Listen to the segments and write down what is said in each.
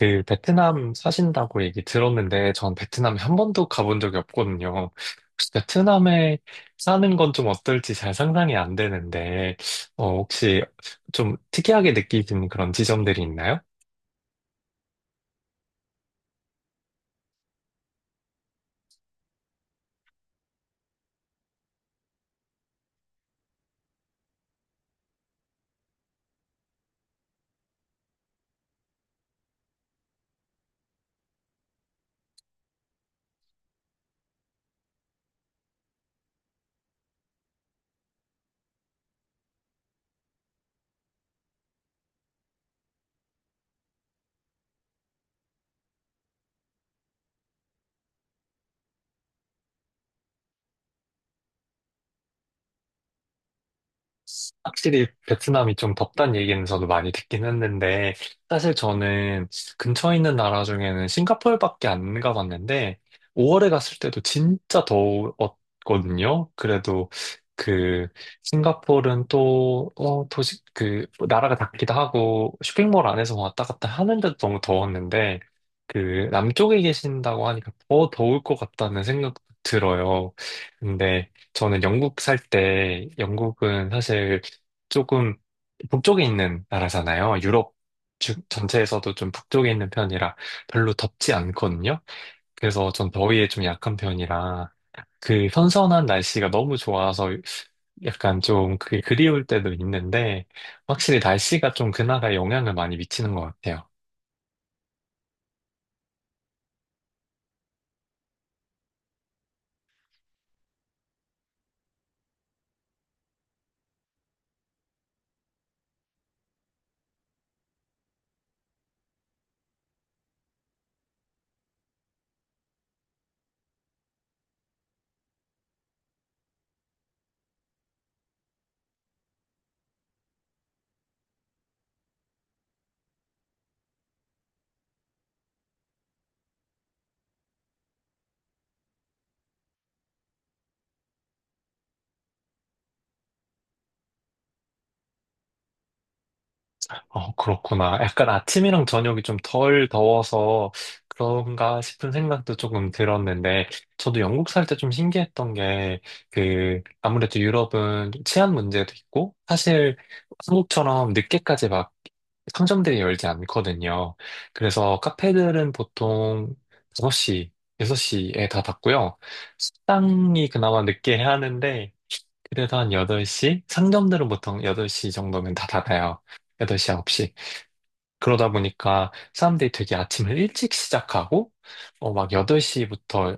그 베트남 사신다고 얘기 들었는데 전 베트남에 한 번도 가본 적이 없거든요. 혹시 베트남에 사는 건 좀 어떨지 잘 상상이 안 되는데 혹시 좀 특이하게 느끼는 그런 지점들이 있나요? 확실히 베트남이 좀 덥단 얘기는 저도 많이 듣긴 했는데, 사실 저는 근처에 있는 나라 중에는 싱가포르밖에 안 가봤는데, 5월에 갔을 때도 진짜 더웠거든요. 그래도 그 싱가포르는 또, 도시, 그, 나라가 작기도 하고, 쇼핑몰 안에서 왔다 갔다 하는데도 너무 더웠는데, 그, 남쪽에 계신다고 하니까 더 더울 것 같다는 생각 들어요. 근데, 저는 영국 살 때, 영국은 사실 조금 북쪽에 있는 나라잖아요. 유럽 전체에서도 좀 북쪽에 있는 편이라 별로 덥지 않거든요. 그래서 전 더위에 좀 약한 편이라 그 선선한 날씨가 너무 좋아서 약간 좀 그게 그리울 때도 있는데 확실히 날씨가 좀 그나마 영향을 많이 미치는 것 같아요. 어, 그렇구나. 약간 아침이랑 저녁이 좀 덜 더워서 그런가 싶은 생각도 조금 들었는데, 저도 영국 살 때 좀 신기했던 게, 그, 아무래도 유럽은 치안 문제도 있고, 사실 한국처럼 늦게까지 막 상점들이 열지 않거든요. 그래서 카페들은 보통 다섯 시 6시에 다 닫고요. 식당이 그나마 늦게 해야 하는데, 그래도 한 8시? 상점들은 보통 8시 정도면 다 닫아요. 8시, 9시. 그러다 보니까 사람들이 되게 아침을 일찍 시작하고, 막 8시부터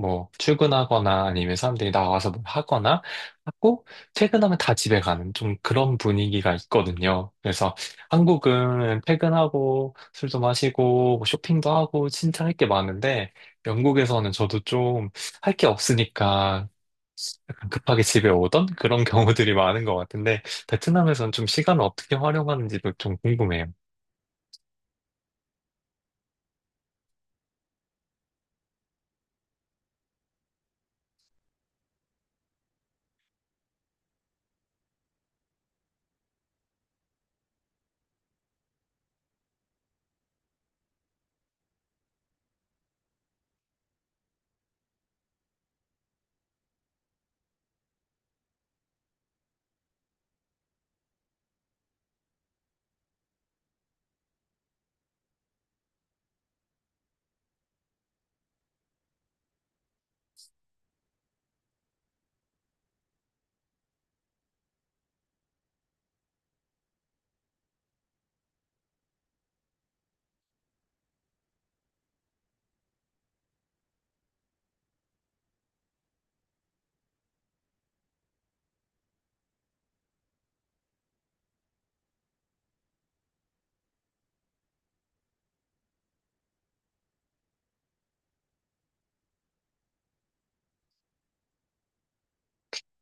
뭐 출근하거나 아니면 사람들이 나와서 뭐 하거나 하고, 퇴근하면 다 집에 가는 좀 그런 분위기가 있거든요. 그래서 한국은 퇴근하고 술도 마시고 뭐 쇼핑도 하고 진짜 할 게 많은데, 영국에서는 저도 좀 할 게 없으니까 약간 급하게 집에 오던 그런 경우들이 많은 것 같은데, 베트남에서는 좀 시간을 어떻게 활용하는지도 좀 궁금해요.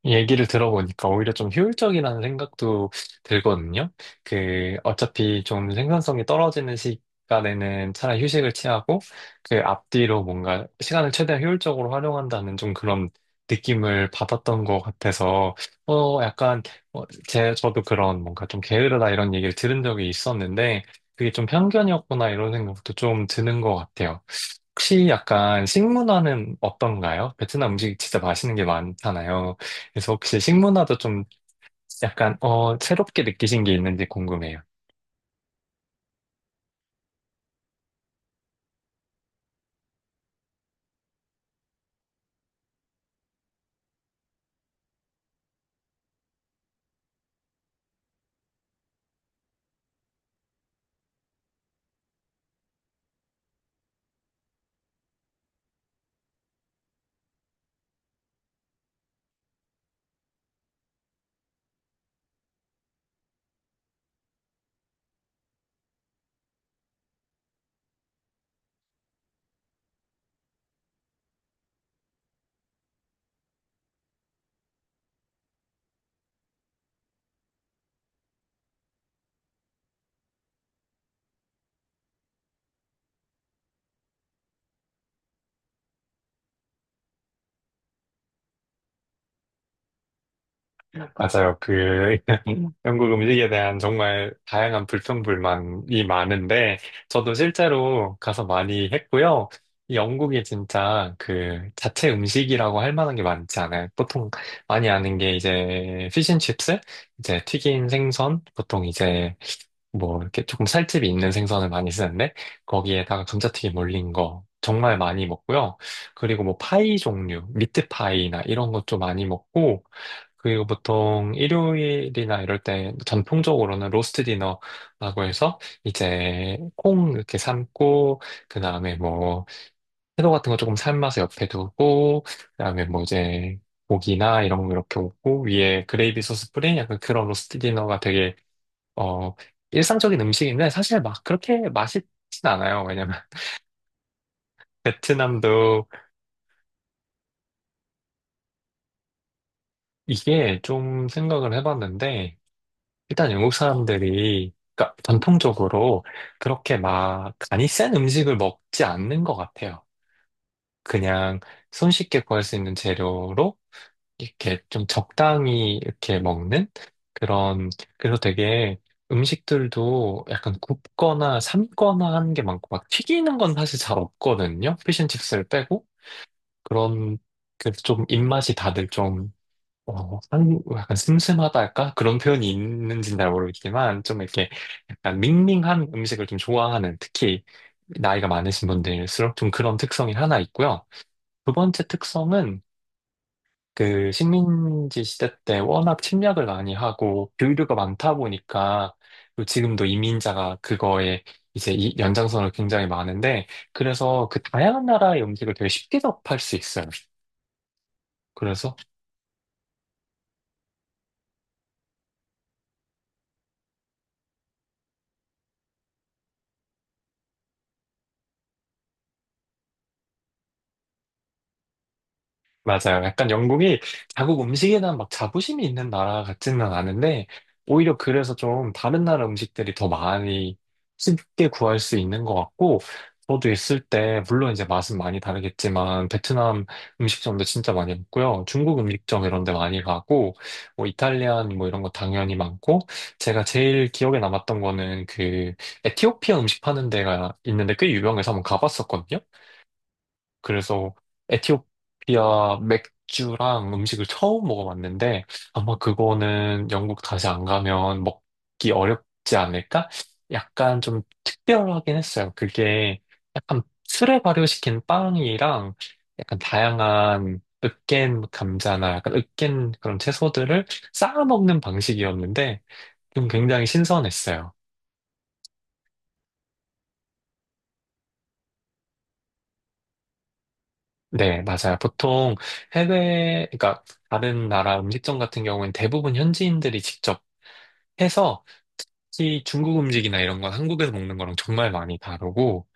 얘기를 들어보니까 오히려 좀 효율적이라는 생각도 들거든요. 그, 어차피 좀 생산성이 떨어지는 시간에는 차라리 휴식을 취하고, 그 앞뒤로 뭔가 시간을 최대한 효율적으로 활용한다는 좀 그런 느낌을 받았던 것 같아서, 약간, 어, 저도 그런 뭔가 좀 게으르다 이런 얘기를 들은 적이 있었는데, 그게 좀 편견이었구나 이런 생각도 좀 드는 것 같아요. 혹시 약간 식문화는 어떤가요? 베트남 음식 진짜 맛있는 게 많잖아요. 그래서 혹시 식문화도 좀 약간 새롭게 느끼신 게 있는지 궁금해요. 맞아요. 그 영국 음식에 대한 정말 다양한 불평불만이 많은데 저도 실제로 가서 많이 했고요. 이 영국이 진짜 그 자체 음식이라고 할 만한 게 많지 않아요. 보통 많이 아는 게 이제 피쉬앤칩스, 이제 튀긴 생선, 보통 이제 뭐 이렇게 조금 살집이 있는 생선을 많이 쓰는데 거기에다가 감자튀김 올린 거 정말 많이 먹고요. 그리고 뭐 파이 종류, 미트 파이나 이런 것도 많이 먹고 그리고 보통 일요일이나 이럴 때 전통적으로는 로스트 디너라고 해서 이제 콩 이렇게 삶고 그다음에 뭐 채소 같은 거 조금 삶아서 옆에 두고 그다음에 뭐 이제 고기나 이런 거 이렇게 얹고 위에 그레이비 소스 뿌린 약간 그런 로스트 디너가 되게 어, 일상적인 음식인데 사실 막 그렇게 맛있진 않아요. 왜냐면 베트남도 이게 좀 생각을 해봤는데 일단 영국 사람들이 그러니까 전통적으로 그렇게 막 간이 센 음식을 먹지 않는 것 같아요. 그냥 손쉽게 구할 수 있는 재료로 이렇게 좀 적당히 이렇게 먹는 그런, 그래서 되게 음식들도 약간 굽거나 삶거나 하는 게 많고, 막 튀기는 건 사실 잘 없거든요. 피쉬앤칩스를 빼고. 그런, 그래서 좀 입맛이 다들 좀, 약간 슴슴하다 할까? 그런 표현이 있는지는 잘 모르겠지만, 좀 이렇게 약간 밍밍한 음식을 좀 좋아하는, 특히 나이가 많으신 분들일수록 좀 그런 특성이 하나 있고요. 두 번째 특성은 그 식민지 시대 때 워낙 침략을 많이 하고 교류가 많다 보니까 또 지금도 이민자가 그거에 이제 이 연장선을 굉장히 많은데 그래서 그 다양한 나라의 음식을 되게 쉽게 접할 수 있어요. 맞아요. 약간 영국이 자국 음식에 대한 막 자부심이 있는 나라 같지는 않은데, 오히려 그래서 좀 다른 나라 음식들이 더 많이 쉽게 구할 수 있는 것 같고, 저도 있을 때, 물론 이제 맛은 많이 다르겠지만, 베트남 음식점도 진짜 많이 먹고요. 중국 음식점 이런 데 많이 가고, 뭐 이탈리안 뭐 이런 거 당연히 많고, 제가 제일 기억에 남았던 거는 그 에티오피아 음식 파는 데가 있는데 꽤 유명해서 한번 가봤었거든요. 그래서 에티오피아 맥주랑 음식을 처음 먹어봤는데 아마 그거는 영국 다시 안 가면 먹기 어렵지 않을까? 약간 좀 특별하긴 했어요. 그게 약간 술에 발효시킨 빵이랑 약간 다양한 으깬 감자나 약간 으깬 그런 채소들을 쌓아 먹는 방식이었는데 좀 굉장히 신선했어요. 네, 맞아요. 보통 해외, 그러니까 다른 나라 음식점 같은 경우엔 대부분 현지인들이 직접 해서 특히 중국 음식이나 이런 건 한국에서 먹는 거랑 정말 많이 다르고,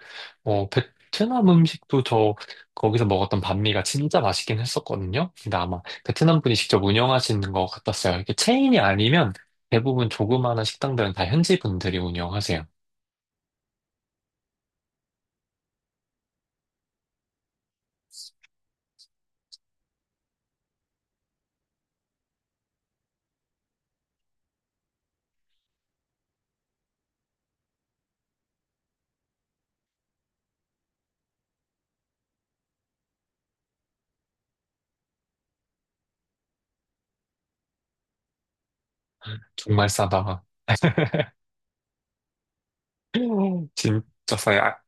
베트남 음식도 저 거기서 먹었던 반미가 진짜 맛있긴 했었거든요. 근데 아마 베트남 분이 직접 운영하시는 것 같았어요. 이렇게 체인이 아니면 대부분 조그마한 식당들은 다 현지 분들이 운영하세요. 정말 싸다가. 진짜 싸요. 아,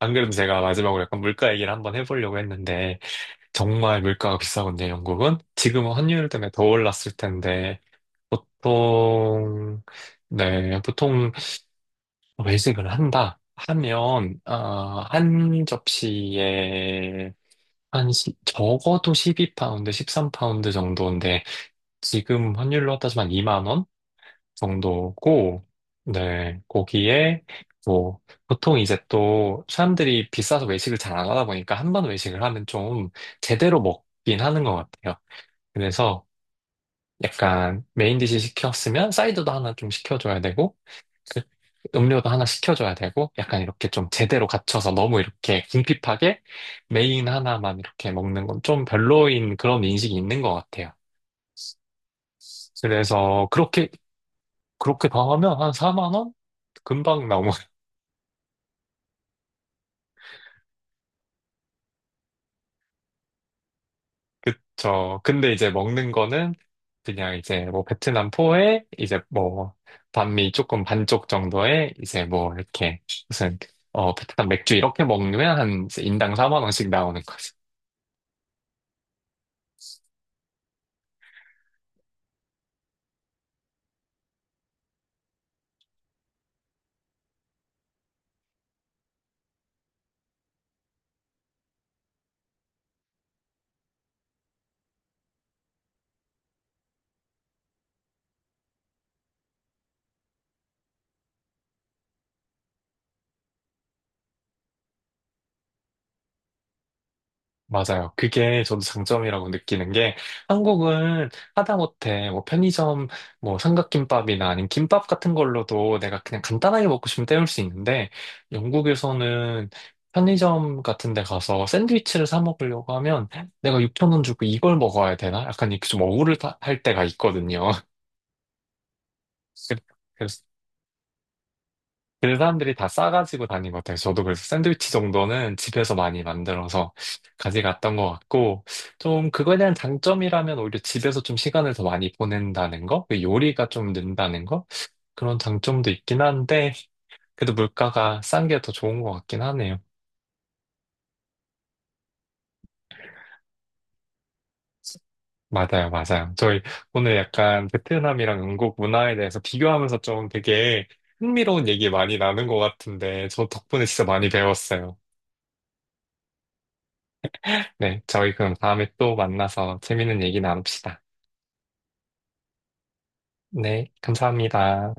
안 그래도 제가 마지막으로 약간 물가 얘기를 한번 해보려고 했는데, 정말 물가가 비싸거든요, 영국은. 지금은 환율 때문에 더 올랐을 텐데, 보통, 네, 보통 외식을 한다 하면, 아, 한 접시에 적어도 12파운드, 13파운드 정도인데, 지금 환율로 따지면 2만 원 정도고, 네, 거기에 뭐, 보통 이제 또 사람들이 비싸서 외식을 잘 안 하다 보니까 한 번 외식을 하면 좀 제대로 먹긴 하는 것 같아요. 그래서 약간 메인 디시 시켰으면 사이드도 하나 좀 시켜줘야 되고 그 음료도 하나 시켜줘야 되고 약간 이렇게 좀 제대로 갖춰서 너무 이렇게 궁핍하게 메인 하나만 이렇게 먹는 건 좀 별로인 그런 인식이 있는 것 같아요. 그래서 그렇게 더 하면 한 4만 원 금방 그쵸. 근데 이제 먹는 거는 그냥 이제 뭐 베트남 포에 이제 뭐 반미 조금 반쪽 정도에 이제 뭐 이렇게 무슨 베트남 맥주 이렇게 먹으면 한 이제 인당 4만 원씩 나오는 맞아요. 그게 저도 장점이라고 느끼는 게 한국은 하다못해 뭐 편의점 뭐 삼각김밥이나 아니면 김밥 같은 걸로도 내가 그냥 간단하게 먹고 싶으면 때울 수 있는데 영국에서는 편의점 같은 데 가서 샌드위치를 사 먹으려고 하면 내가 6천 원 주고 이걸 먹어야 되나? 약간 이렇게 좀 억울할 때가 있거든요. 그래서 그 사람들이 다 싸가지고 다닌 것 같아요. 저도 그래서 샌드위치 정도는 집에서 많이 만들어서 가져갔던 것 같고, 좀 그거에 대한 장점이라면 오히려 집에서 좀 시간을 더 많이 보낸다는 거? 그 요리가 좀 는다는 거? 그런 장점도 있긴 한데, 그래도 물가가 싼 게 더 좋은 것 같긴 하네요. 맞아요, 맞아요. 저희 오늘 약간 베트남이랑 영국 문화에 대해서 비교하면서 좀 되게 흥미로운 얘기 많이 나눈 것 같은데, 저 덕분에 진짜 많이 배웠어요. 네, 저희 그럼 다음에 또 만나서 재밌는 얘기 나눕시다. 네, 감사합니다.